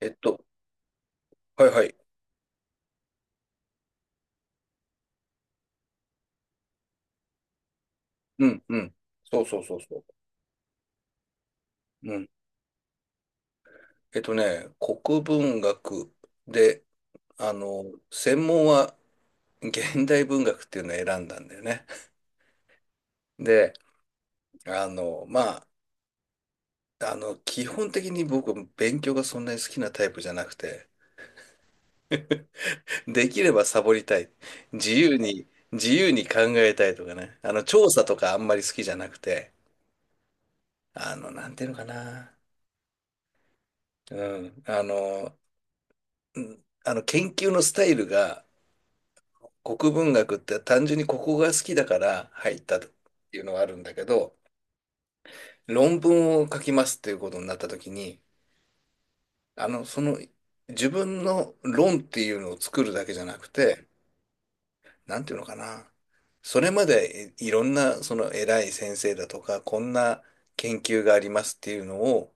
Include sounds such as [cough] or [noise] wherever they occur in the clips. えっと、はいはい。うん、うん。そうそうそうそう。うん。国文学で、あの、専門は現代文学っていうのを選んだんだよね。で、まあ、基本的に僕、勉強がそんなに好きなタイプじゃなくて、できればサボりたい。自由に、自由に考えたいとかね。調査とかあんまり好きじゃなくて、なんていうのかな。うん。研究のスタイルが、国文学って単純にここが好きだから入ったっていうのはあるんだけど、論文を書きますっていうことになった時に、あの、その自分の論っていうのを作るだけじゃなくて、なんていうのかな。それまでいろんなその偉い先生だとか、こんな研究がありますっていうのを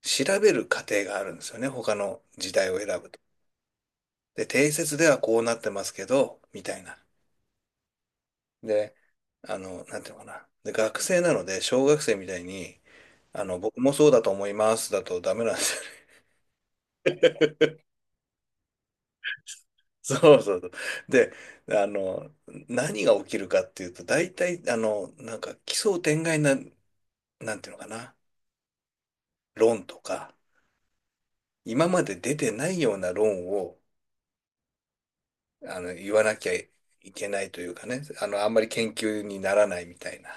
調べる過程があるんですよね。他の時代を選ぶと。で、定説ではこうなってますけど、みたいな。で、なんていうのかな。で、学生なので、小学生みたいに、僕もそうだと思いますだとダメなんですよね。[laughs] そうそうそう。で、あの、何が起きるかっていうと、大体、なんか奇想天外な、なんていうのかな、論とか、今まで出てないような論を、言わなきゃいけないというかね、あんまり研究にならないみたいな。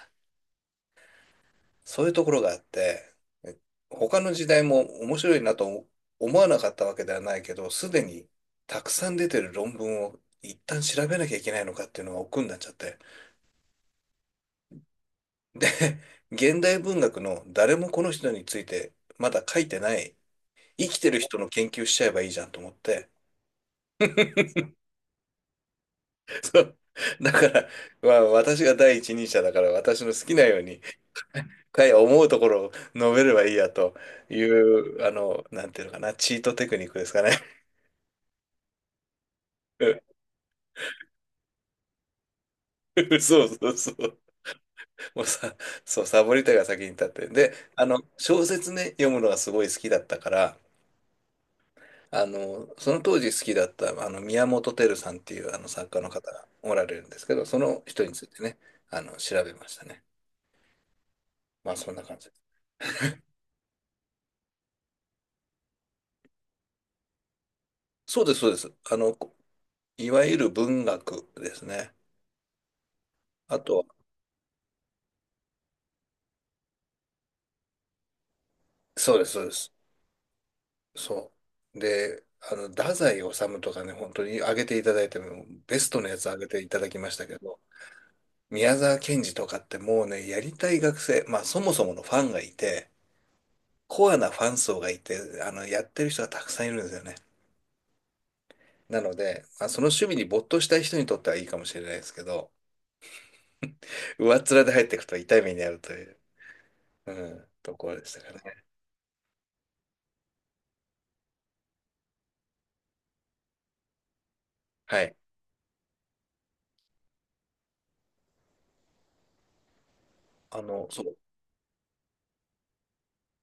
そういうところがあって、え他の時代も面白いなと思わなかったわけではないけど、すでにたくさん出てる論文を一旦調べなきゃいけないのかっていうのが億劫になっちゃって。で、現代文学の誰もこの人についてまだ書いてない、生きてる人の研究しちゃえばいいじゃんと思って。[laughs] そう。だから、まあ、私が第一人者だから私の好きなようにかい思うところを述べればいいやという、なんていうのかな、チートテクニックですかね。[laughs] そうそうそう。もうさ、そう、サボりたいが先に立って。で、小説ね、読むのがすごい好きだったから、その当時好きだった、宮本照さんっていうあの作家の方がおられるんですけど、その人についてね、調べましたね。まあ、そんな感じです。そうです、そうです。いわゆる文学ですね。あとは、そうです、そうです。そう。で、太宰治とかね、本当に挙げていただいても、ベストのやつ挙げていただきましたけど、宮沢賢治とかってもうね、やりたい学生、まあそもそものファンがいて、コアなファン層がいて、やってる人がたくさんいるんですよね。なので、まあ、その趣味に没頭したい人にとってはいいかもしれないですけど、上っ面で入っていくと痛い目に遭うという、うん、ところでしたかね。はい。そう。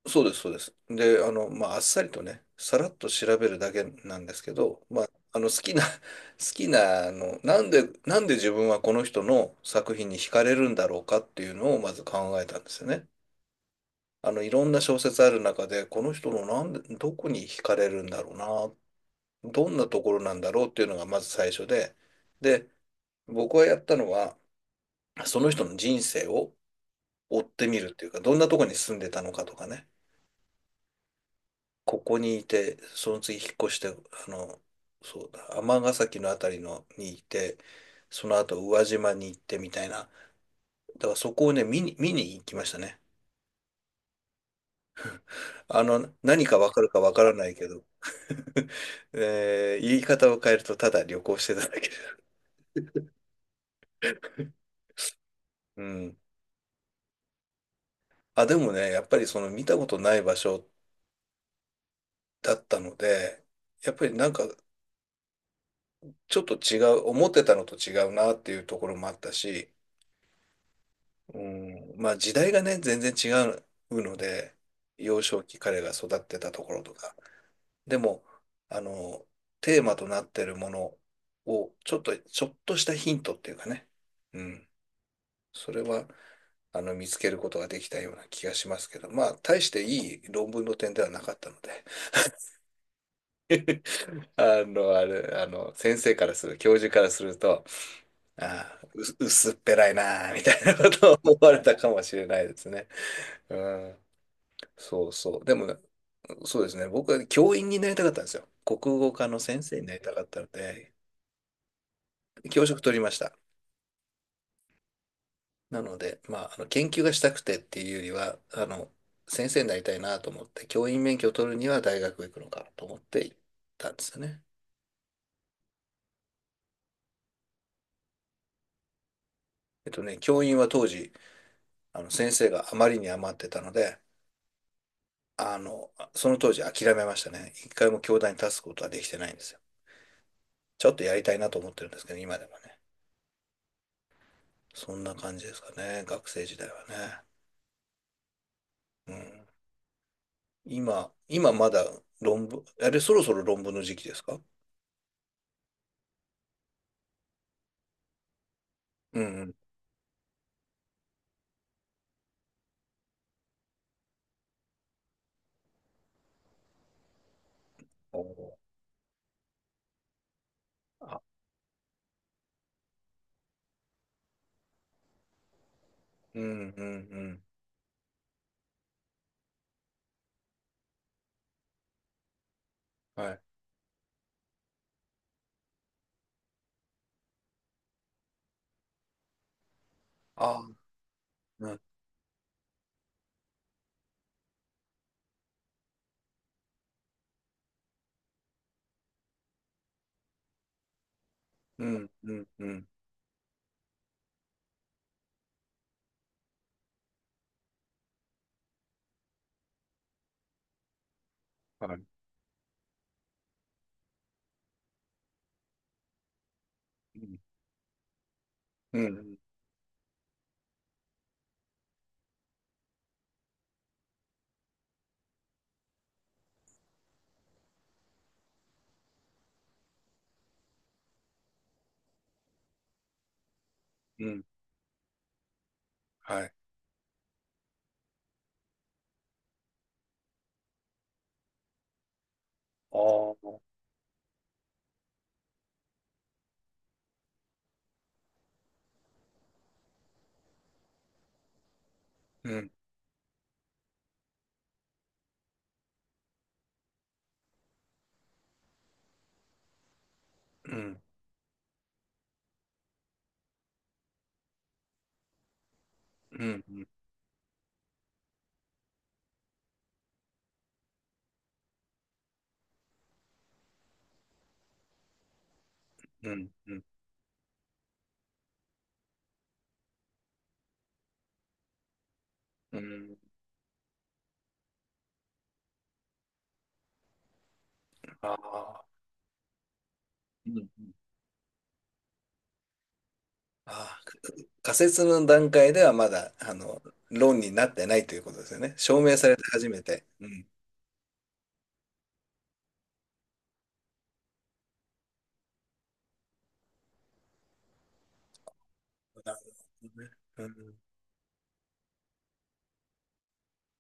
そうです、そうです。で、まあ、あっさりとね、さらっと調べるだけなんですけど、まあ、好きな、[laughs] 好きな、なんで自分はこの人の作品に惹かれるんだろうかっていうのをまず考えたんですよね。いろんな小説ある中で、この人のなんで、どこに惹かれるんだろうな、どんなところなんだろうっていうのがまず最初で、で、僕はやったのは、その人の人生を追ってみるっていうか、どんなところに住んでたのかとかね。ここにいて、その次引っ越して、そうだ、尼崎のあたりのにいて、その後宇和島に行ってみたいな。だからそこをね、見に行きましたね。何かわかるかわからないけど、[laughs] 言い方を変えるとただ旅行してただけだ。うん。あ、でもね、やっぱりその見たことない場所だったので、やっぱりなんかちょっと違う、思ってたのと違うなっていうところもあったし、うん、まあ時代がね、全然違うので、幼少期彼が育ってたところとか。でも、あの、テーマとなってるものを、ちょっとしたヒントっていうかね。うん。それは、見つけることができたような気がしますけど、まあ、大していい論文の点ではなかったので、[laughs] あの、あれ、あの、先生からする、教授からすると、ああ、薄っぺらいなあ、みたいなことを思われたかもしれないですね。うん。そうそう。でもね、そうですね。僕は教員になりたかったんですよ。国語科の先生になりたかったので、教職取りました。なので、まあ、研究がしたくてっていうよりは、先生になりたいなと思って、教員免許を取るには大学行くのかと思って行ったんですよね。教員は当時、先生があまりに余ってたので、あの、その当時諦めましたね。一回も教壇に立つことはできてないんですよ。ちょっとやりたいなと思ってるんですけど、今でもね。そんな感じですかね、学生時代はね。うん。今まだ論文、そろそろ論文の時期ですか？うんうん。おーあ、うんうんうん。はい。あー、うんうんうんうん。はい。うんうんうん。はい。ああ、うんうんうんうんうんうん。ああ、うんうん。あー、仮説の段階ではまだ、論になってないということですよね。証明されて初めて。うん。なるほどね。うん。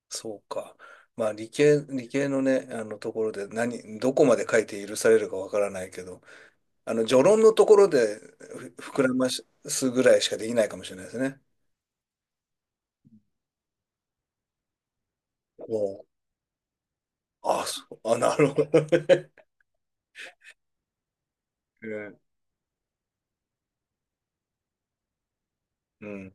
そうか。まあ理系のね、あのところでどこまで書いて許されるかわからないけど、あの序論のところで膨らますぐらいしかできないかもしれないですね。おう。あ、そう。あ、なるほどね。[laughs] うん、うん、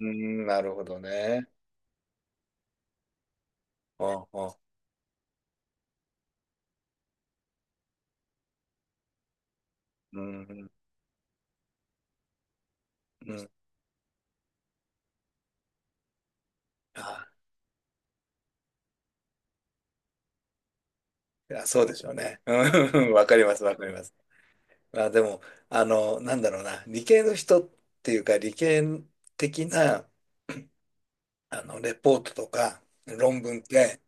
うん、なるほどね。ああ、うん、うん。あ、いや、そうでしょうね。うん。 [laughs] わかります、わかります。まあでも、なんだろうな、理系の人っていうか、理系的な、レポートとか論文って、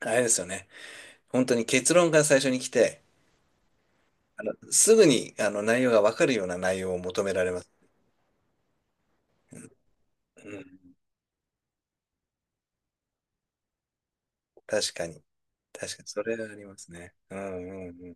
あれですよね。本当に結論が最初に来て、すぐにあの内容がわかるような内容を求められます。うん、うん、確かに。確かに、それはありますね。うんうんうん。